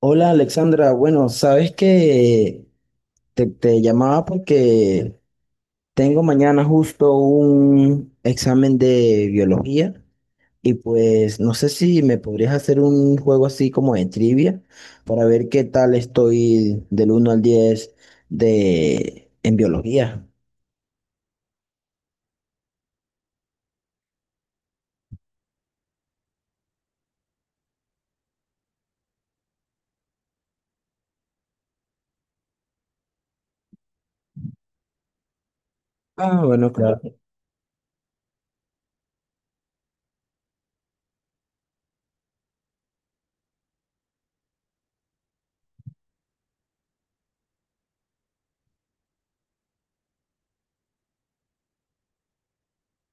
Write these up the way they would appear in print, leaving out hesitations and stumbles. Hola Alexandra, bueno, sabes que te llamaba porque tengo mañana justo un examen de biología y pues no sé si me podrías hacer un juego así como de trivia para ver qué tal estoy del 1 al 10 de, en biología. Ah, bueno, claro.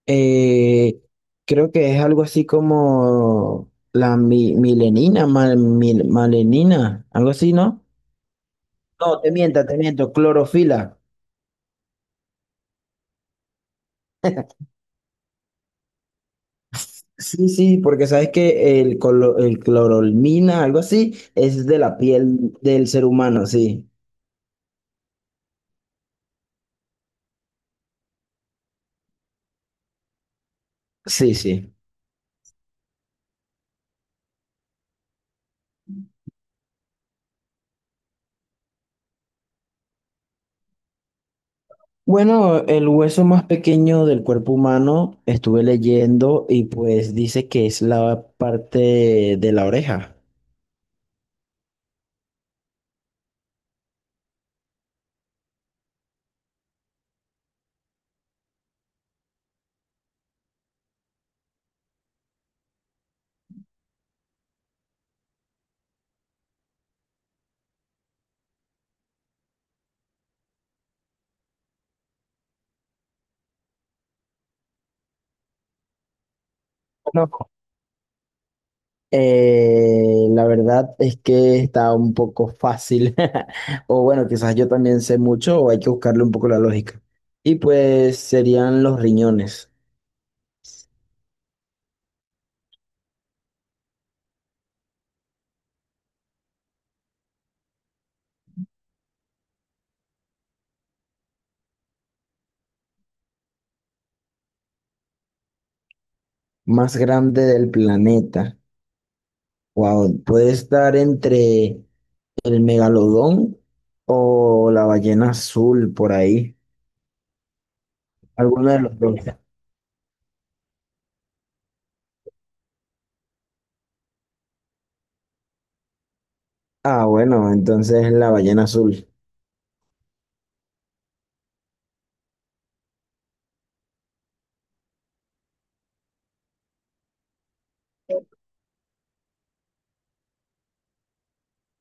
Eh, creo que es algo así como la milenina, malenina, algo así, ¿no? No, te miento, clorofila. Sí, sí, porque sabes que el clorolmina, algo así, es de la piel del ser humano, sí, sí, sí. Bueno, el hueso más pequeño del cuerpo humano estuve leyendo y pues dice que es la parte de la oreja. No. La verdad es que está un poco fácil, o bueno, quizás yo también sé mucho o hay que buscarle un poco la lógica. Y pues serían los riñones, más grande del planeta. Wow, puede estar entre el megalodón o la ballena azul por ahí, alguno de los dos. Ah, bueno, entonces la ballena azul.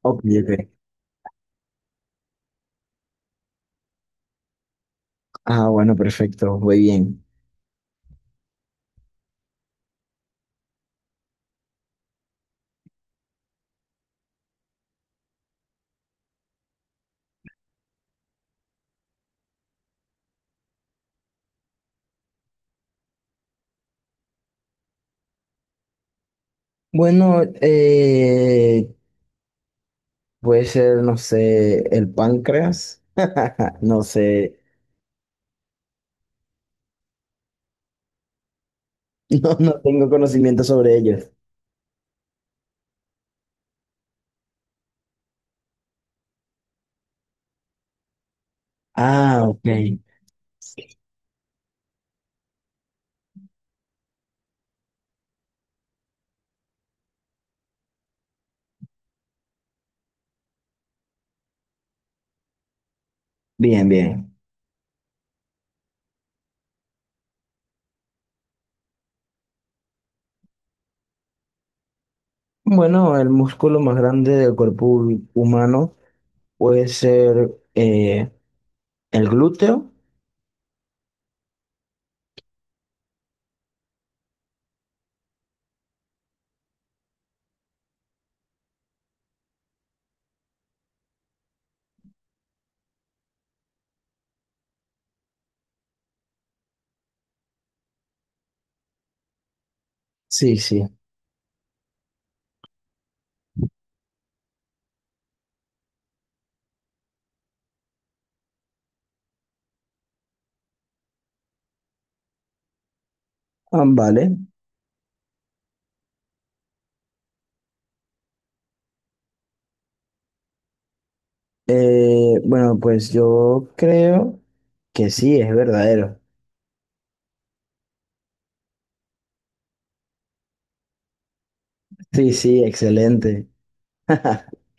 Ok, ok. Ah, bueno, perfecto, muy bien. Bueno, puede ser, no sé, el páncreas. No sé, no, no tengo conocimiento sobre ellos. Ah, ok. Bien, bien. Bueno, el músculo más grande del cuerpo humano puede ser el glúteo. Sí, sí. Ah, vale. Bueno, pues yo creo que sí, es verdadero. Sí, sí, excelente.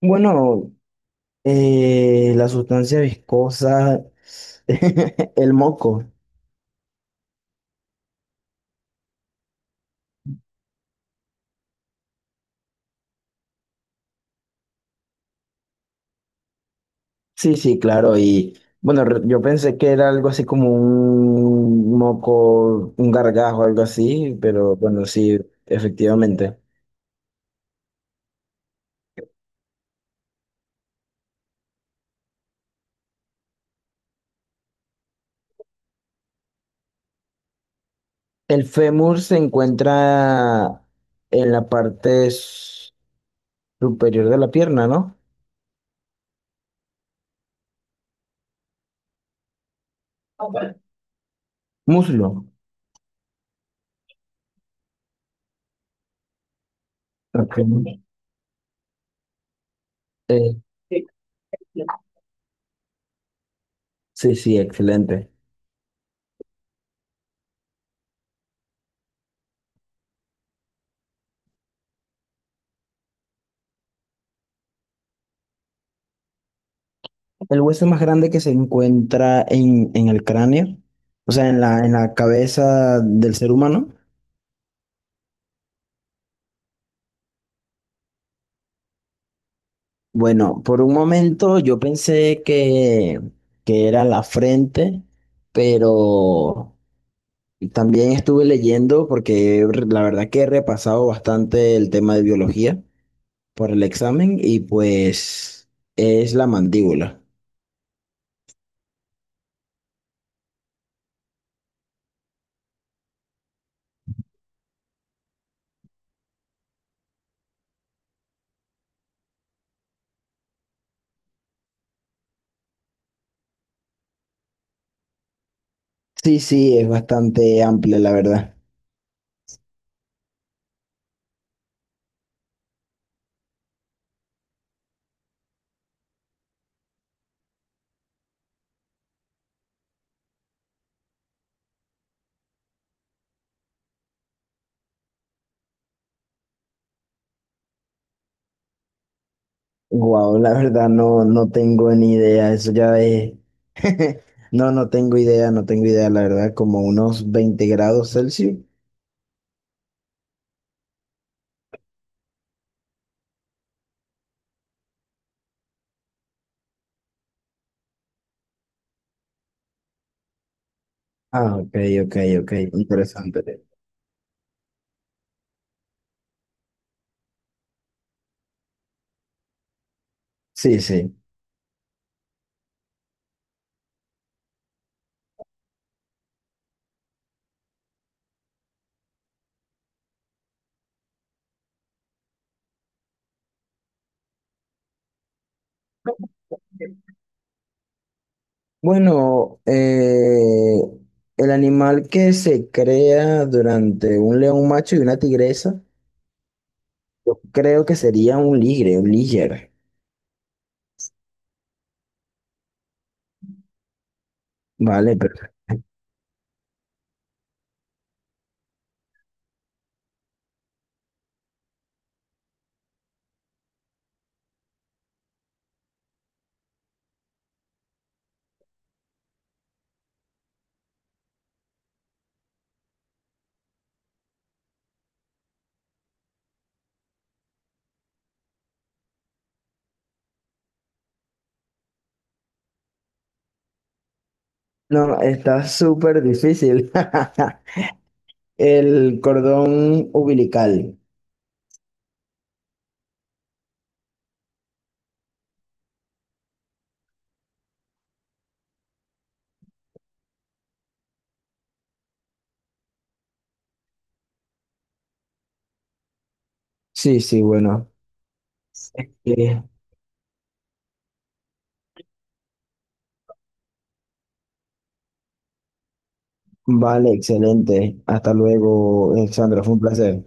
Bueno, la sustancia viscosa, el moco. Sí, sí, claro. Y bueno, yo pensé que era algo así como un moco, un gargajo, algo así, pero bueno, sí, efectivamente. El fémur se encuentra en la parte superior de la pierna, ¿no? Muslo. Ok. Eh, sí, sí, excelente. El hueso más grande que se encuentra en el cráneo, o sea, en la cabeza del ser humano. Bueno, por un momento yo pensé que era la frente, pero también estuve leyendo porque la verdad que he repasado bastante el tema de biología por el examen y pues es la mandíbula. Sí, sí, es bastante amplio, la verdad. Wow, la verdad no, no tengo ni idea. Eso ya es. No, no tengo idea, no tengo idea, la verdad, como unos 20 grados Celsius. Ah, ok, ok, ok. Interesante. Sí, sí. Bueno, el animal que se crea durante un león macho y una tigresa, yo creo que sería un ligre, un liger. Vale, pero. No, está súper difícil. El cordón umbilical. Sí, sí, bueno. Eh, vale, excelente. Hasta luego, Alexandra. Fue un placer.